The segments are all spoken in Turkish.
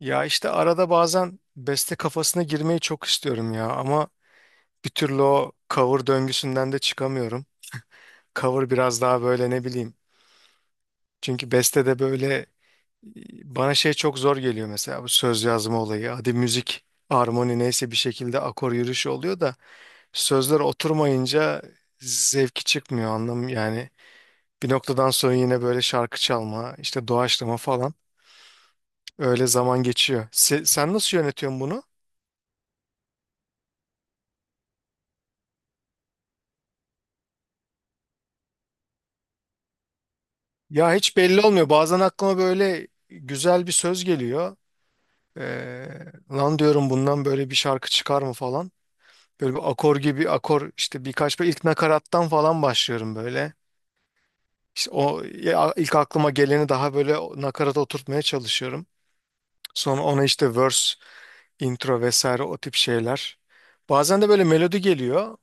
Ya işte arada bazen beste kafasına girmeyi çok istiyorum ya ama bir türlü o cover döngüsünden de çıkamıyorum. Cover biraz daha böyle ne bileyim. Çünkü beste de böyle bana şey çok zor geliyor mesela bu söz yazma olayı. Hadi müzik, armoni neyse bir şekilde akor yürüyüşü oluyor da sözler oturmayınca zevki çıkmıyor anlam yani. Bir noktadan sonra yine böyle şarkı çalma, işte doğaçlama falan öyle zaman geçiyor. Sen nasıl yönetiyorsun bunu? Ya hiç belli olmuyor. Bazen aklıma böyle güzel bir söz geliyor. Ee, Lan diyorum bundan böyle bir şarkı çıkar mı falan. Böyle bir akor gibi akor işte birkaç böyle ilk nakarattan falan başlıyorum böyle. İşte o ya, ilk aklıma geleni daha böyle nakarata oturtmaya çalışıyorum. Sonra ona işte verse, intro vesaire o tip şeyler. Bazen de böyle melodi geliyor.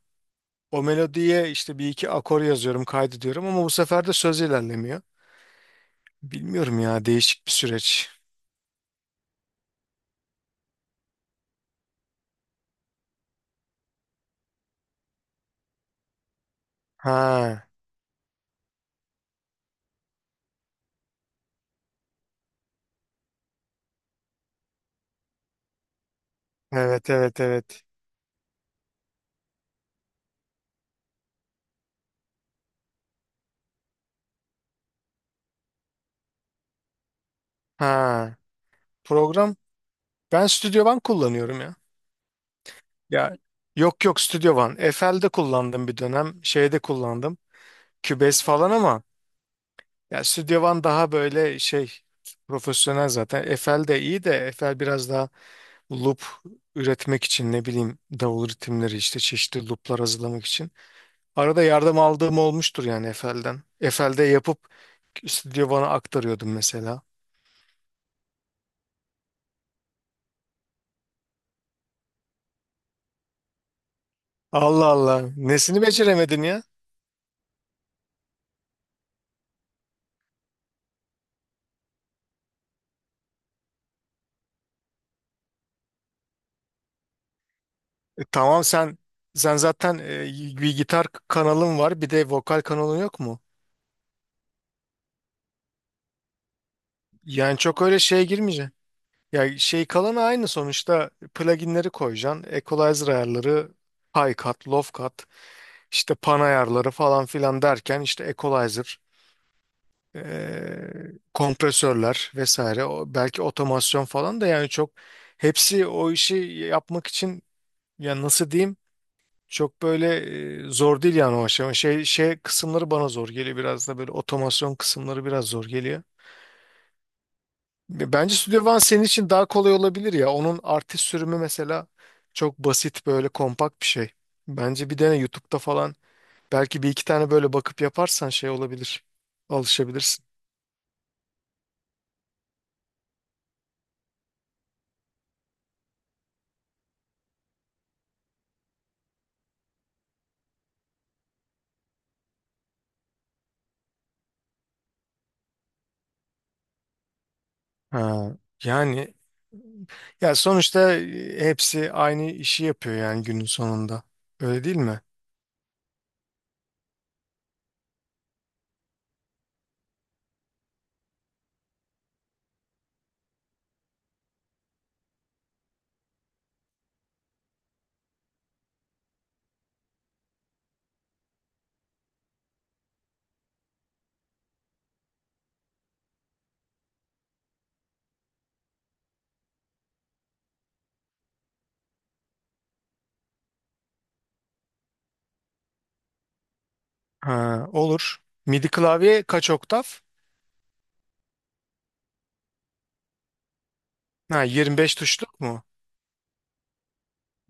O melodiye işte bir iki akor yazıyorum, kaydediyorum ama bu sefer de söz ilerlemiyor. Bilmiyorum ya değişik bir süreç. Ha. Evet, evet, evet. Ha, program ben Studio One kullanıyorum ya. Ya, yok yok Studio One. FL'de kullandım bir dönem. Şeyde kullandım. Cubase falan ama ya Studio One daha böyle şey profesyonel zaten. FL de iyi de FL biraz daha loop üretmek için ne bileyim davul ritimleri işte çeşitli looplar hazırlamak için. Arada yardım aldığım olmuştur yani FL'den. FL'de yapıp Studio One'a aktarıyordum mesela. Allah Allah. Nesini beceremedin? Tamam, sen sen zaten bir gitar kanalın var, bir de vokal kanalın yok mu? Yani çok öyle şeye girmeyeceksin. Ya şey, kalanı aynı sonuçta, pluginleri koyacaksın. Equalizer ayarları, high cut, low cut, işte pan ayarları falan filan derken işte equalizer, kompresörler vesaire, o belki otomasyon falan da, yani çok hepsi o işi yapmak için, ya nasıl diyeyim, çok böyle zor değil yani o aşama. Şey, şey kısımları bana zor geliyor, biraz da böyle otomasyon kısımları biraz zor geliyor. Bence Studio One senin için daha kolay olabilir ya. Onun artist sürümü mesela çok basit, böyle kompakt bir şey. Bence bir dene, YouTube'da falan belki bir iki tane böyle bakıp yaparsan şey olabilir. Alışabilirsin. Ha, yani ya sonuçta hepsi aynı işi yapıyor yani günün sonunda. Öyle değil mi? Ha, olur. MIDI klavye kaç oktav? Ha, 25 tuşluk mu?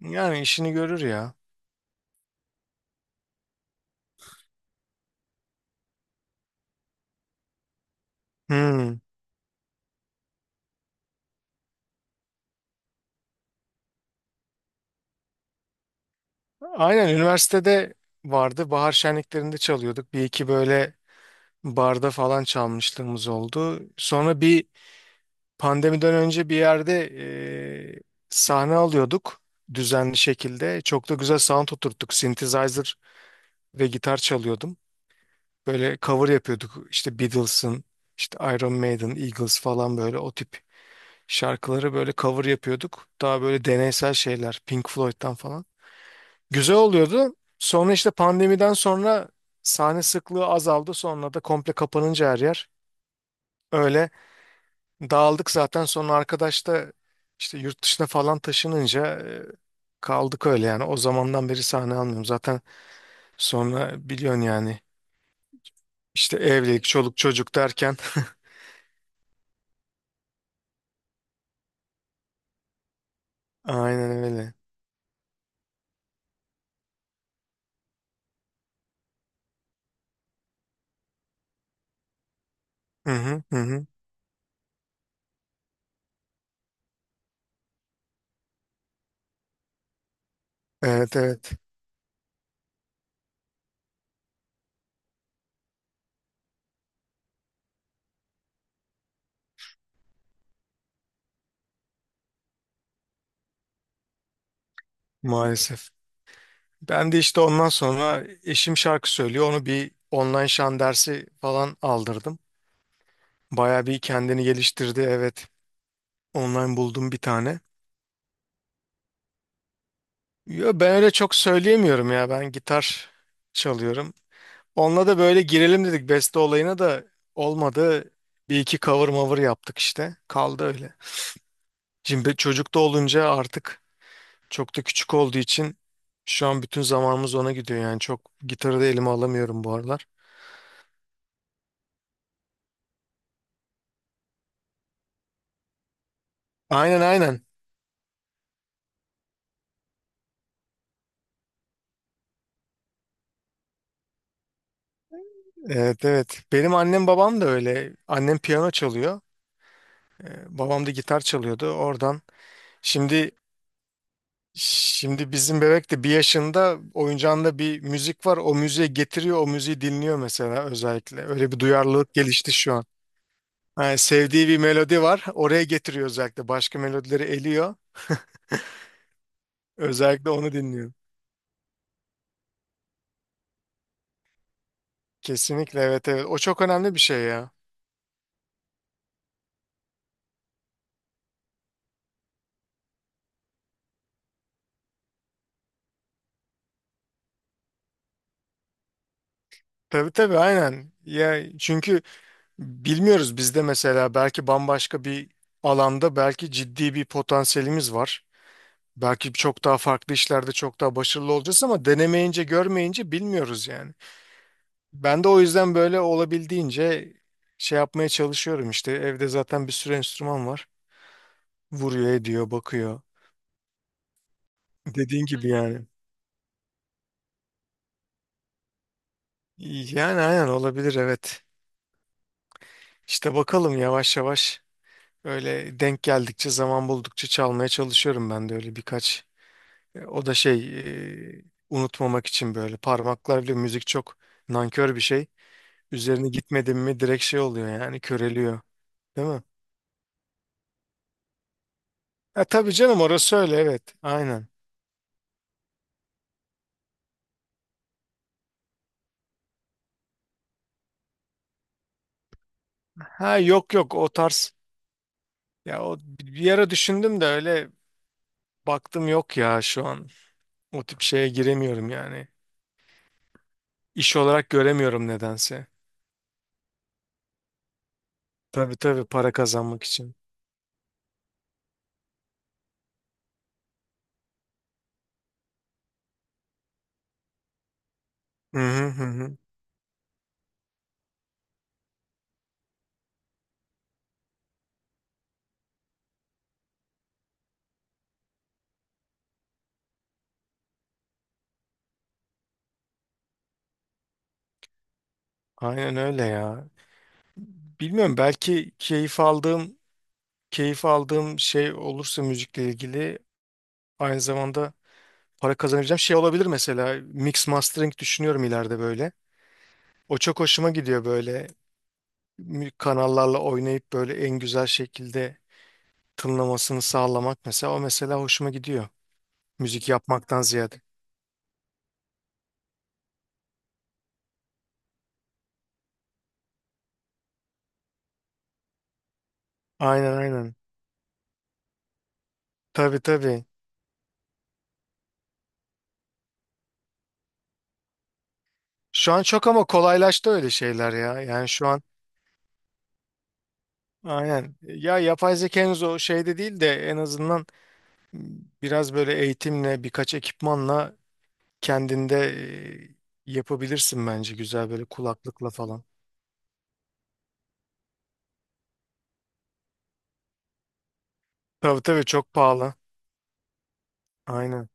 Yani işini görür ya. Hmm. Aynen, üniversitede vardı. Bahar şenliklerinde çalıyorduk. Bir iki böyle barda falan çalmışlığımız oldu. Sonra bir pandemiden önce bir yerde eee, sahne alıyorduk düzenli şekilde. Çok da güzel sound oturttuk. Synthesizer ve gitar çalıyordum. Böyle cover yapıyorduk. İşte Beatles'ın, işte Iron Maiden, Eagles falan, böyle o tip şarkıları böyle cover yapıyorduk. Daha böyle deneysel şeyler, Pink Floyd'dan falan. Güzel oluyordu. Sonra işte pandemiden sonra sahne sıklığı azaldı. Sonra da komple kapanınca her yer öyle dağıldık zaten. Sonra arkadaş da işte yurt dışına falan taşınınca kaldık öyle yani. O zamandan beri sahne almıyorum. Zaten sonra biliyorsun yani işte evlilik, çoluk çocuk derken aynen öyle. Hı hı hı. Hı. Evet, evet, maalesef. Ben de işte ondan sonra eşim şarkı söylüyor. Onu bir online şan dersi falan aldırdım. Baya bir kendini geliştirdi. Evet, online buldum bir tane. Yo, ben öyle çok söyleyemiyorum ya. Ben gitar çalıyorum. Onunla da böyle girelim dedik. Beste olayına da olmadı. Bir iki cover maver yaptık işte. Kaldı öyle. Şimdi çocuk da olunca artık çok da küçük olduğu için şu an bütün zamanımız ona gidiyor. Yani çok gitarı da elime alamıyorum bu aralar. Aynen, aynen. Evet, evet. Benim annem babam da öyle. Annem piyano çalıyor. Babam da gitar çalıyordu. Oradan şimdi, şimdi bizim bebek de bir yaşında, oyuncağında bir müzik var. O müziğe getiriyor. O müziği dinliyor mesela özellikle. Öyle bir duyarlılık gelişti şu an. Yani sevdiği bir melodi var. Oraya getiriyor özellikle. Başka melodileri eliyor. Özellikle onu dinliyor. Kesinlikle, evet, evet. O çok önemli bir şey ya. Tabii tabii aynen. Ya çünkü bilmiyoruz, bizde mesela belki bambaşka bir alanda belki ciddi bir potansiyelimiz var. Belki çok daha farklı işlerde çok daha başarılı olacağız ama denemeyince görmeyince bilmiyoruz yani. Ben de o yüzden böyle olabildiğince şey yapmaya çalışıyorum işte. Evde zaten bir sürü enstrüman var. Vuruyor, ediyor, bakıyor. Dediğin gibi yani. Yani aynen olabilir, evet. İşte bakalım, yavaş yavaş öyle denk geldikçe zaman buldukça çalmaya çalışıyorum ben de öyle birkaç. O da şey, e, unutmamak için böyle parmaklar bile, müzik çok nankör bir şey. Üzerine gitmedim mi direkt şey oluyor yani, köreliyor. Değil mi? Ha, tabii canım, orası öyle, evet. Aynen. Ha, yok yok, o tarz. Ya o bir ara düşündüm de öyle baktım, yok ya şu an. O tip şeye giremiyorum yani. İş olarak göremiyorum nedense. Tabii tabii, para kazanmak için. Hı hı hı. Hı. Aynen öyle ya. Bilmiyorum, belki keyif aldığım, keyif aldığım şey olursa müzikle ilgili, aynı zamanda para kazanabileceğim şey olabilir, mesela mix mastering düşünüyorum ileride böyle. O çok hoşuma gidiyor, böyle kanallarla oynayıp böyle en güzel şekilde tınlamasını sağlamak mesela, o mesela hoşuma gidiyor müzik yapmaktan ziyade. Aynen, aynen. Tabii, tabii. Şu an çok ama kolaylaştı öyle şeyler ya. Yani şu an aynen. Ya yapay zeka henüz o şeyde değil de en azından biraz böyle eğitimle, birkaç ekipmanla kendinde yapabilirsin bence, güzel böyle kulaklıkla falan. Tabii tabii, çok pahalı. Aynen.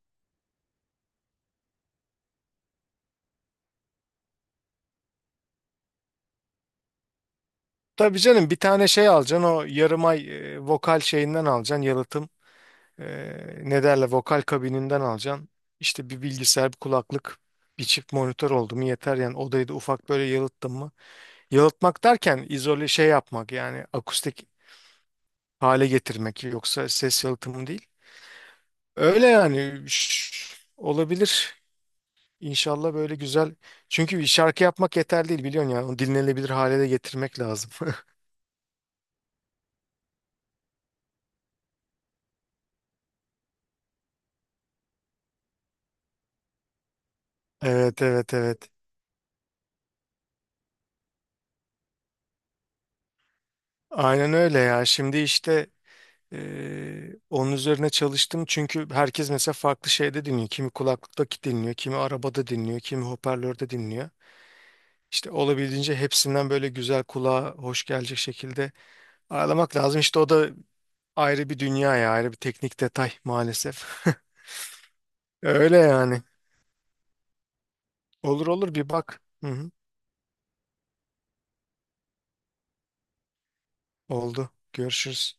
Tabii canım, bir tane şey alacaksın, o yarım ay vokal şeyinden alacaksın, yalıtım. E, Ne derler, vokal kabininden alacaksın. İşte bir bilgisayar, bir kulaklık, bir çift monitör oldu mu yeter yani, odayı da ufak böyle yalıttın mı? Yalıtmak derken izole şey yapmak yani, akustik hale getirmek, yoksa ses yalıtımı değil. Öyle yani, olabilir. İnşallah böyle güzel. Çünkü bir şarkı yapmak yeterli değil biliyorsun ya. Onu dinlenebilir hale de getirmek lazım. Evet, evet, evet. Aynen öyle ya. Şimdi işte onun üzerine çalıştım. Çünkü herkes mesela farklı şeyde dinliyor. Kimi kulaklıkta dinliyor, kimi arabada dinliyor, kimi hoparlörde dinliyor. İşte olabildiğince hepsinden böyle güzel, kulağa hoş gelecek şekilde ayarlamak lazım. İşte o da ayrı bir dünya ya, ayrı bir teknik detay maalesef. Öyle yani. Olur olur, bir bak. Hı hı. Oldu. Görüşürüz.